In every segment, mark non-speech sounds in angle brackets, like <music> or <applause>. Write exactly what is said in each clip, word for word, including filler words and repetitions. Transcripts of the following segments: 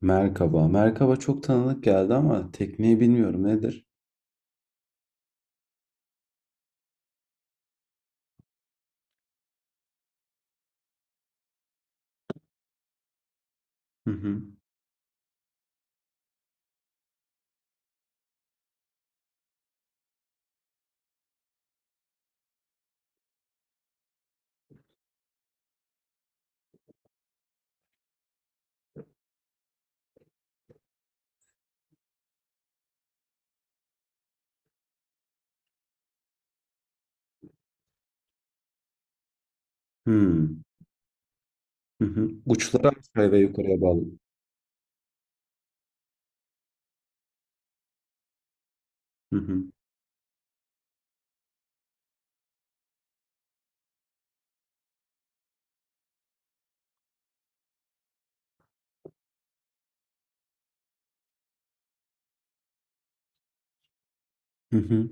Merkaba. Merkaba çok tanıdık geldi ama tekniği bilmiyorum nedir? Hı hı. Hmm. Hı hı. Uçları aşağıya ve yukarıya bağlı. Hı hı. Hı hı.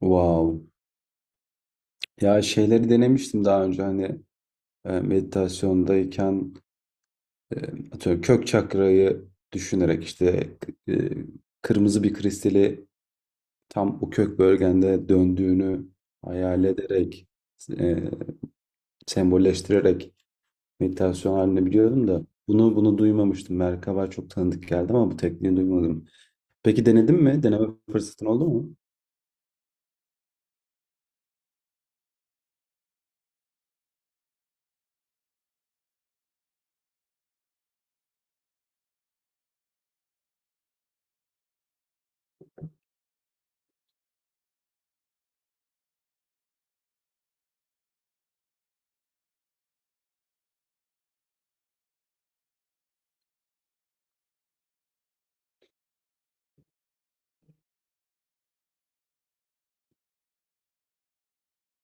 Wow. Ya şeyleri denemiştim daha önce hani e, meditasyondayken e, atıyorum kök çakrayı düşünerek işte e, kırmızı bir kristali tam o kök bölgende döndüğünü hayal ederek e, sembolleştirerek, meditasyon halini biliyordum da bunu bunu duymamıştım. Merkaba çok tanıdık geldi ama bu tekniği duymadım. Peki denedin mi? Deneme fırsatın oldu mu?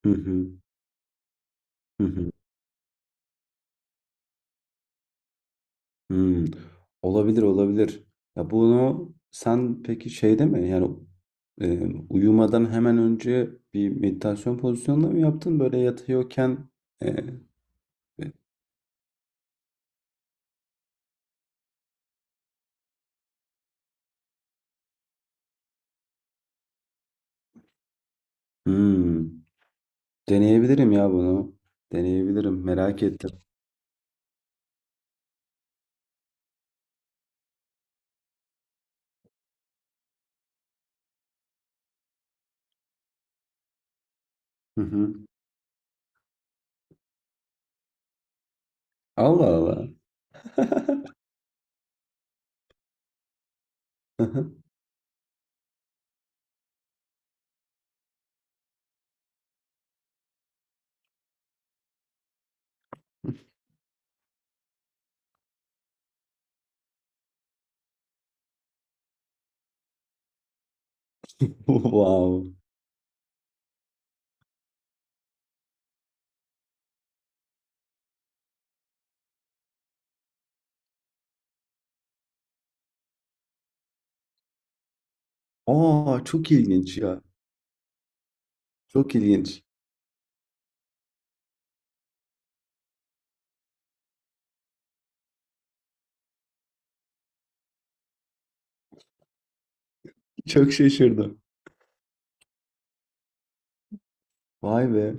Hı hı. Hı hı. Hmm. Olabilir olabilir. Ya bunu sen peki şeyde mi yani, e, uyumadan hemen önce bir meditasyon pozisyonunda mı yaptın? Böyle yatıyorken e, e, hmm. Deneyebilirim ya bunu. Deneyebilirim. Merak ettim. Hı hı. Allah Allah. <laughs> Wow. Aa, çok ilginç ya. Çok ilginç. Çok şaşırdım. Vay be.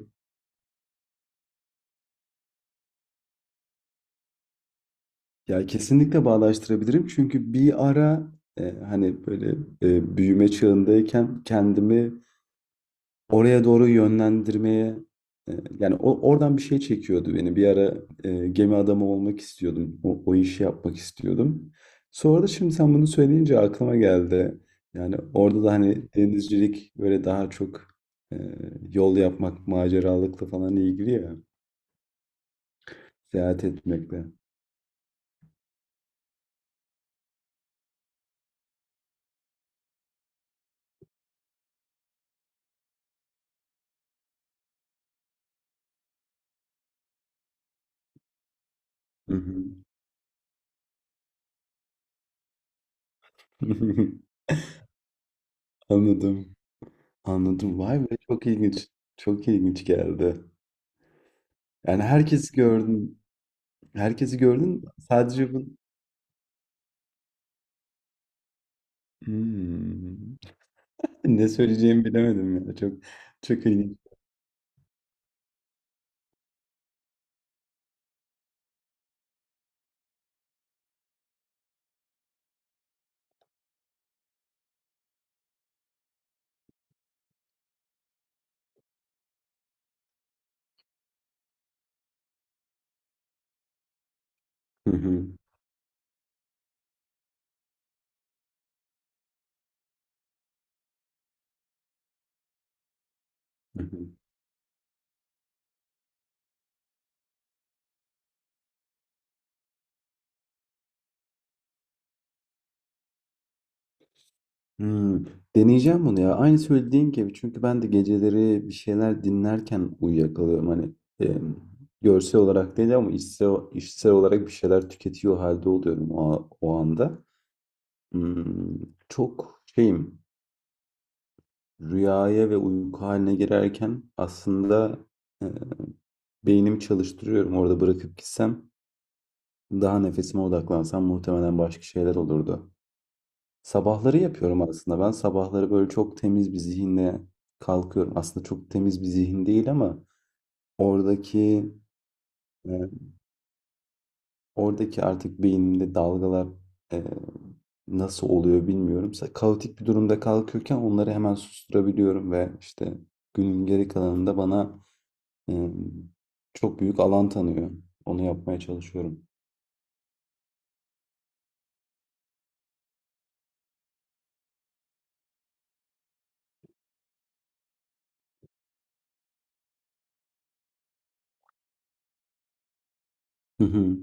Ya kesinlikle bağdaştırabilirim. Çünkü bir ara e, hani böyle e, büyüme çağındayken kendimi oraya doğru yönlendirmeye, e, yani o, oradan bir şey çekiyordu beni. Bir ara e, gemi adamı olmak istiyordum. O, o işi yapmak istiyordum. Sonra da şimdi sen bunu söyleyince aklıma geldi. Yani orada da hani denizcilik böyle daha çok e, yol yapmak, maceralıkla falan ilgili ya. Seyahat etmekle. Hı hı. <laughs> Anladım. Anladım. Vay be, çok ilginç. Çok ilginç geldi. Yani herkesi gördün. Herkesi gördün. Sadece bu. Hımm. Ne söyleyeceğimi bilemedim ya. Çok çok ilginç. Hı hı. Hı hı. Hımm. Deneyeceğim bunu ya. Aynı söylediğin gibi, çünkü ben de geceleri bir şeyler dinlerken uyuyakalıyorum. Hani, emm, görsel olarak değil ama içsel içsel olarak bir şeyler tüketiyor halde oluyorum o o anda. Imm, çok şeyim, rüyaya ve uyku hâline girerken aslında, eee, beynimi çalıştırıyorum. Orada bırakıp gitsem, daha nefesime odaklansam muhtemelen başka şeyler olurdu. Sabahları yapıyorum aslında. Ben sabahları böyle çok temiz bir zihinle kalkıyorum. Aslında çok temiz bir zihin değil ama oradaki, e, oradaki artık beynimde dalgalar e, nasıl oluyor bilmiyorum. Sa- Kaotik bir durumda kalkıyorken onları hemen susturabiliyorum ve işte günün geri kalanında bana e, çok büyük alan tanıyor. Onu yapmaya çalışıyorum. Hı hı,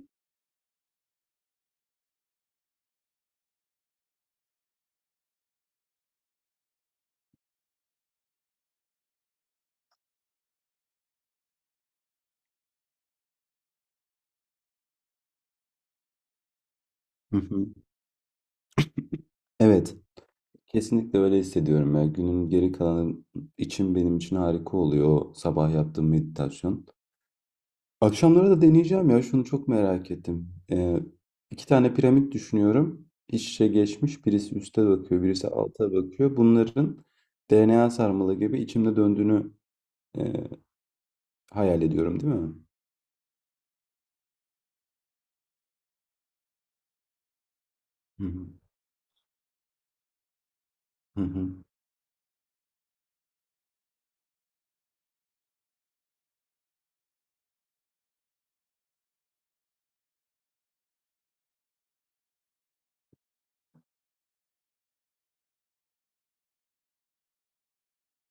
hı hı. Evet. Kesinlikle öyle hissediyorum ya. Günün geri kalanı için benim için harika oluyor o sabah yaptığım meditasyon. Akşamları da deneyeceğim ya. Şunu çok merak ettim. Ee, iki tane piramit düşünüyorum. İç içe geçmiş. Birisi üste bakıyor, birisi alta bakıyor. Bunların D N A sarmalı gibi içimde döndüğünü e, hayal ediyorum, değil mi? Hı hı. Hı hı.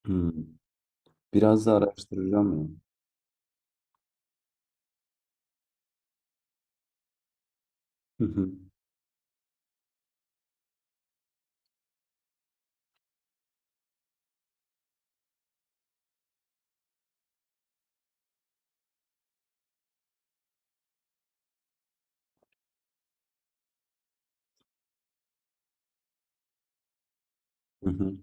Hı. Biraz da araştıracağım ya. Hı hı. Hı hı.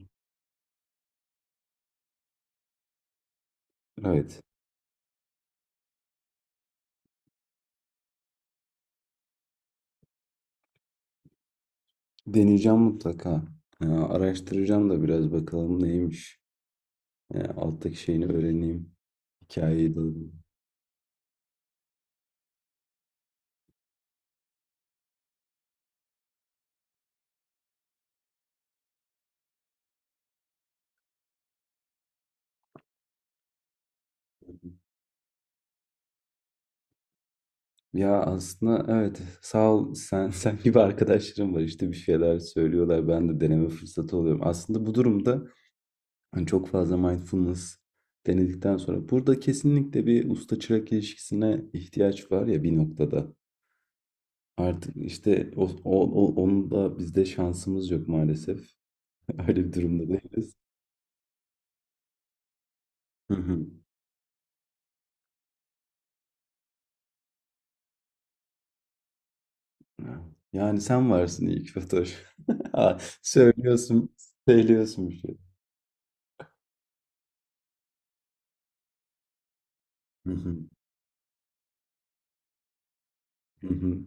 Evet. Deneyeceğim mutlaka. Ee, araştıracağım da biraz, bakalım neymiş. Ee, alttaki şeyini öğreneyim. Hikayeyi de alayım. Ya aslında evet, sağ ol sen, <laughs> sen gibi arkadaşlarım var işte, bir şeyler söylüyorlar, ben de deneme fırsatı oluyorum. Aslında bu durumda hani çok fazla mindfulness denedikten sonra burada kesinlikle bir usta çırak ilişkisine ihtiyaç var ya bir noktada. Artık işte o, o, o- onun da bizde şansımız yok maalesef. <laughs> Öyle bir durumda değiliz. Hı hı. Ha, yani sen varsın ilk ki. <laughs> Ha, söylüyorsun, söylüyorsun bir şey. Hı hı, hı hı.